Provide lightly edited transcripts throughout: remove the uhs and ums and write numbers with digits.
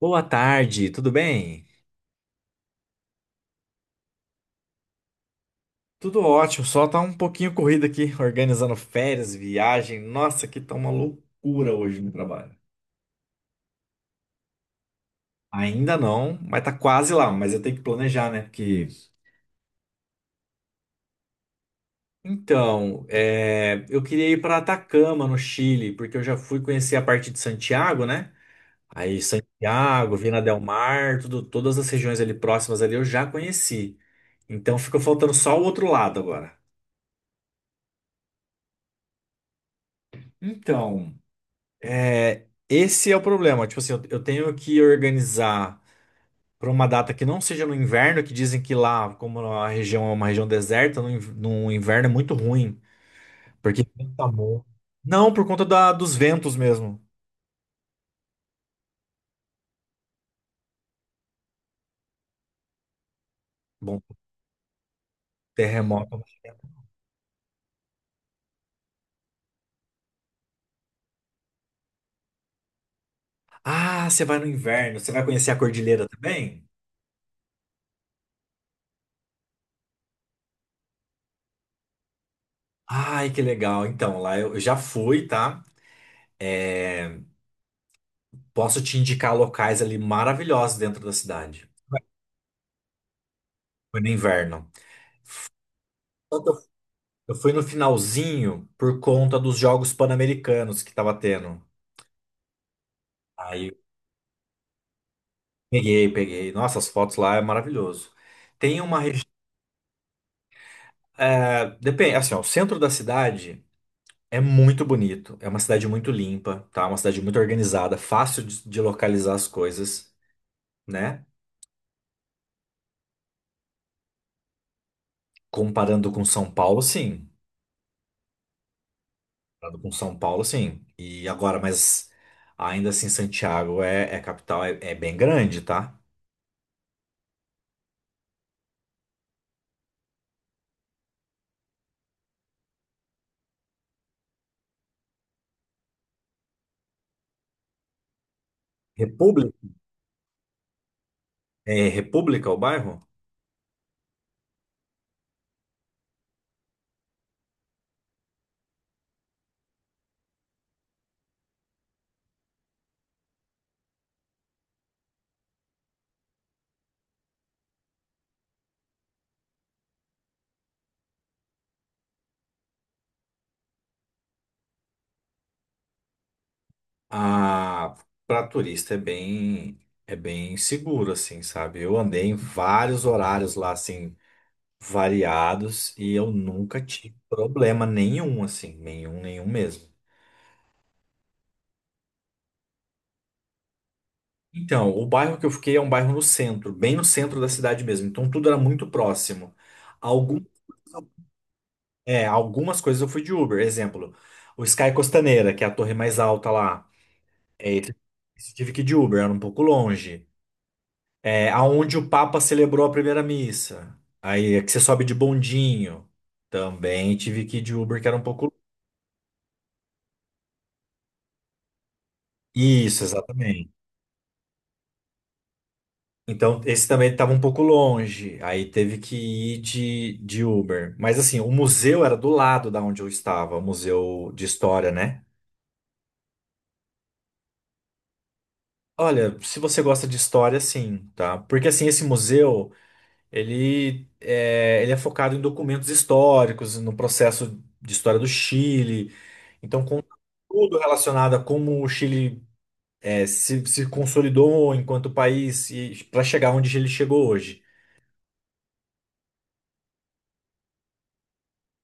Boa tarde, tudo bem? Tudo ótimo, só tá um pouquinho corrido aqui, organizando férias, viagem. Nossa, que tá uma loucura hoje no trabalho. Ainda não, mas tá quase lá, mas eu tenho que planejar, né? Porque. Então, eu queria ir pra Atacama, no Chile, porque eu já fui conhecer a parte de Santiago, né? Aí Santiago, Vina del Mar, tudo, todas as regiões ali próximas ali eu já conheci. Então ficou faltando só o outro lado agora. Então. É, esse é o problema. Tipo assim, eu tenho que organizar para uma data que não seja no inverno, que dizem que lá, como a região é uma região deserta, no inverno é muito ruim, porque venta muito. Não, por conta dos ventos mesmo. Bom, terremoto. Ah, você vai no inverno, você vai conhecer a cordilheira também? Ai, que legal. Então, lá eu já fui, tá? Posso te indicar locais ali maravilhosos dentro da cidade. Foi no inverno. Eu fui no finalzinho por conta dos Jogos Pan-Americanos que tava tendo. Aí eu peguei, peguei. Nossa, as fotos lá é maravilhoso. Tem uma região. Depende, assim, ó, o centro da cidade é muito bonito. É uma cidade muito limpa, tá? Uma cidade muito organizada, fácil de localizar as coisas, né? Comparando com São Paulo, sim. Comparando com São Paulo, sim. E agora, mas ainda assim, Santiago é, é capital, é bem grande, tá? República, é República o bairro? Ah, para turista é bem seguro assim, sabe? Eu andei em vários horários lá assim variados e eu nunca tive problema nenhum assim, nenhum, nenhum mesmo. Então, o bairro que eu fiquei é um bairro no centro, bem no centro da cidade mesmo, então tudo era muito próximo. Algum Algumas coisas eu fui de Uber, exemplo, o Sky Costaneira, que é a torre mais alta lá, é, esse esse eu tive que ir de Uber, era um pouco longe. É, aonde o Papa celebrou a primeira missa. Aí é que você sobe de bondinho. Também tive que ir de Uber, que era um pouco. Isso, exatamente. Então, esse também estava um pouco longe. Aí teve que ir de Uber. Mas assim, o museu era do lado da onde eu estava, o museu de história, né? Olha, se você gosta de história, sim, tá? Porque assim, esse museu, ele é focado em documentos históricos, no processo de história do Chile. Então, conta tudo relacionado a como o Chile se consolidou enquanto país e para chegar onde ele chegou hoje.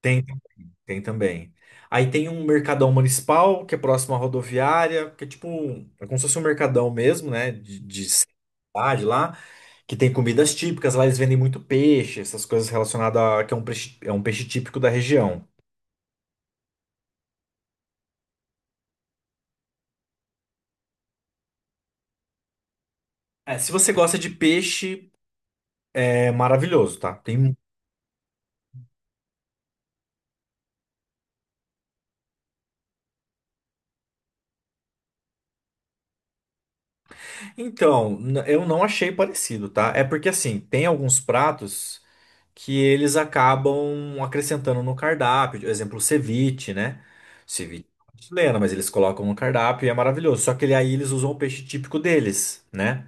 Tem, tem também. Aí tem um mercadão municipal, que é próximo à rodoviária, que é tipo, é como se fosse um mercadão mesmo, né? De cidade lá, que tem comidas típicas. Lá eles vendem muito peixe, essas coisas relacionadas a que é um peixe típico da região. É, se você gosta de peixe, é maravilhoso, tá? Tem eu não achei parecido, tá? É porque assim, tem alguns pratos que eles acabam acrescentando no cardápio, por exemplo, o ceviche, né? Ceviche é chileno, mas eles colocam no cardápio e é maravilhoso. Só que aí eles usam o peixe típico deles, né?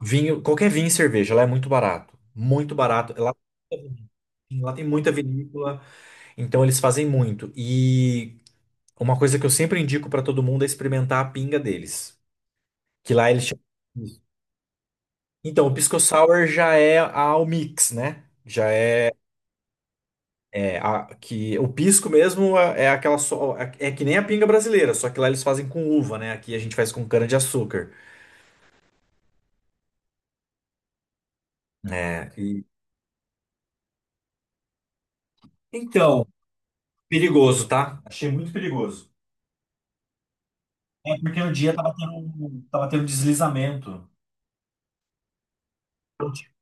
Vinho, qualquer vinho e cerveja, lá é muito barato, muito barato. Lá, lá tem muita vinícola, então eles fazem muito. E uma coisa que eu sempre indico pra todo mundo é experimentar a pinga deles, que lá eles chamam. Então, o pisco sour já é ao mix, né? Já é, que o pisco mesmo é, é aquela só é que nem a pinga brasileira, só que lá eles fazem com uva, né? Aqui a gente faz com cana-de-açúcar. É, e- Então, perigoso, tá? Achei muito perigoso. É porque no dia tava tendo um deslizamento. Então, tipo,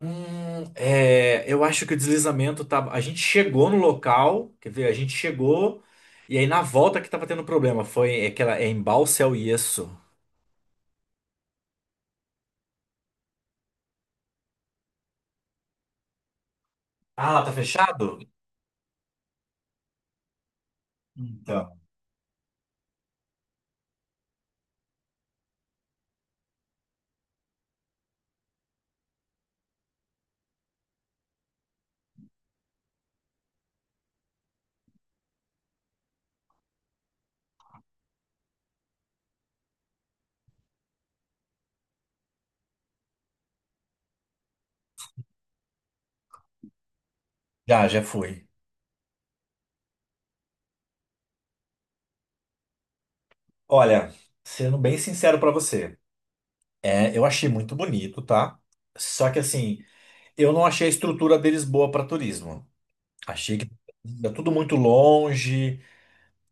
Eu acho que o deslizamento tava. A gente chegou no local, quer ver? A gente chegou e aí na volta que tava tendo problema. Foi aquela é em Balsal isso. Ah, lá tá fechado? Então, já, já fui. Olha, sendo bem sincero pra você, é, eu achei muito bonito, tá? Só que assim, eu não achei a estrutura deles boa pra turismo. Achei que é tudo muito longe,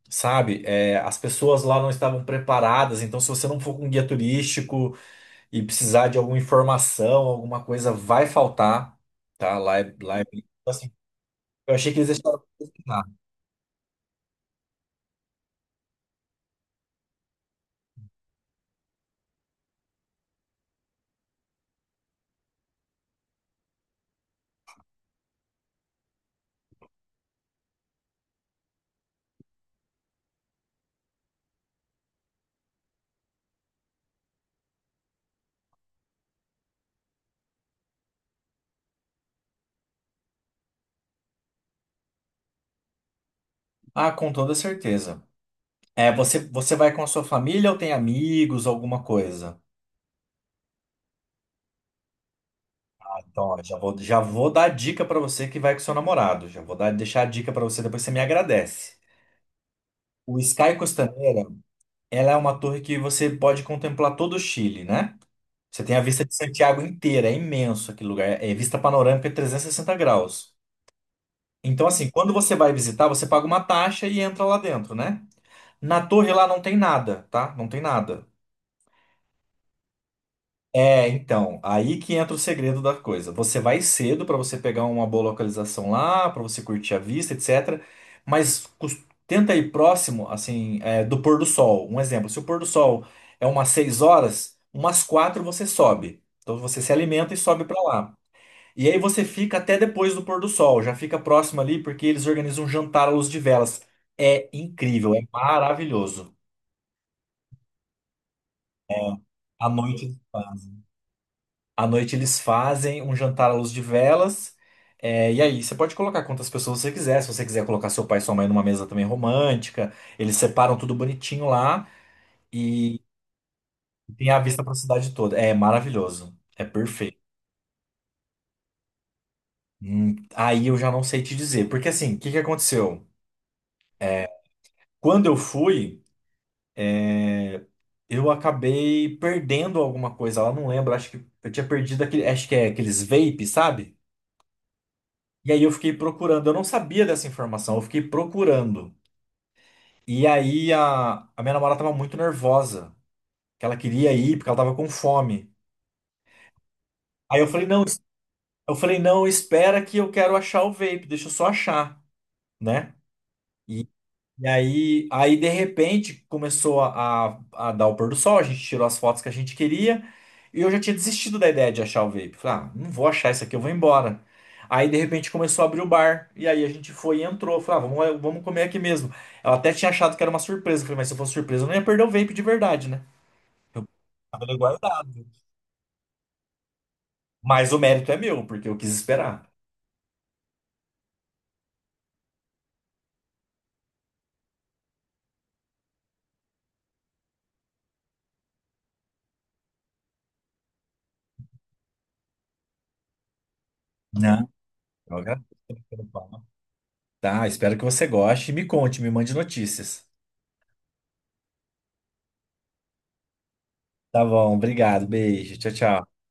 sabe? É, as pessoas lá não estavam preparadas, então se você não for com guia turístico e precisar de alguma informação, alguma coisa, vai faltar, tá? Lá é... Assim, eu achei que eles deixaram. Pra pesquisar. Ah, com toda certeza. É, você, você vai com a sua família ou tem amigos, alguma coisa? Então, ó, já vou dar a dica pra você que vai com seu namorado. Já vou dar, deixar a dica pra você, depois você me agradece. O Sky Costaneira, ela é uma torre que você pode contemplar todo o Chile, né? Você tem a vista de Santiago inteira, é imenso aquele lugar. É vista panorâmica 360 graus. Então, assim, quando você vai visitar, você paga uma taxa e entra lá dentro, né? Na torre lá não tem nada, tá? Não tem nada. É, então, aí que entra o segredo da coisa. Você vai cedo para você pegar uma boa localização lá, para você curtir a vista, etc. Mas cus- tenta ir próximo, assim, é, do pôr do sol. Um exemplo, se o pôr do sol é umas 6 horas, umas 4 você sobe. Então você se alimenta e sobe para lá. E aí você fica até depois do pôr do sol, já fica próximo ali porque eles organizam um jantar à luz de velas. É incrível, é maravilhoso. A noite. À noite eles fazem um jantar à luz de velas. É, e aí, você pode colocar quantas pessoas você quiser. Se você quiser colocar seu pai e sua mãe numa mesa também romântica, eles separam tudo bonitinho lá e tem a vista pra cidade toda. É maravilhoso. É perfeito. Aí eu já não sei te dizer. Porque assim, o que que aconteceu? Quando eu fui, eu acabei perdendo alguma coisa lá. Não lembro, acho que eu tinha perdido aquele, acho que é aqueles vapes, sabe? E aí eu fiquei procurando. Eu não sabia dessa informação, eu fiquei procurando. E aí a minha namorada tava muito nervosa, que ela queria ir porque ela tava com fome. Aí eu falei, não, eu falei, não, espera que eu quero achar o vape, deixa eu só achar, né? E, e aí, de repente começou a dar o pôr do sol, a gente tirou as fotos que a gente queria, e eu já tinha desistido da ideia de achar o vape. Falei, ah, não vou achar isso aqui, eu vou embora. Aí de repente começou a abrir o bar, e aí a gente foi e entrou. Falei, ah, vamos, vamos comer aqui mesmo. Ela até tinha achado que era uma surpresa. Eu falei, mas se fosse surpresa, eu não ia perder o vape de verdade, né? Eu tava ali guardado. Mas o mérito é meu, porque eu quis esperar. Não, eu agradeço pelo papo. Tá, espero que você goste. Me conte, me mande notícias. Tá bom, obrigado. Beijo. Tchau, tchau.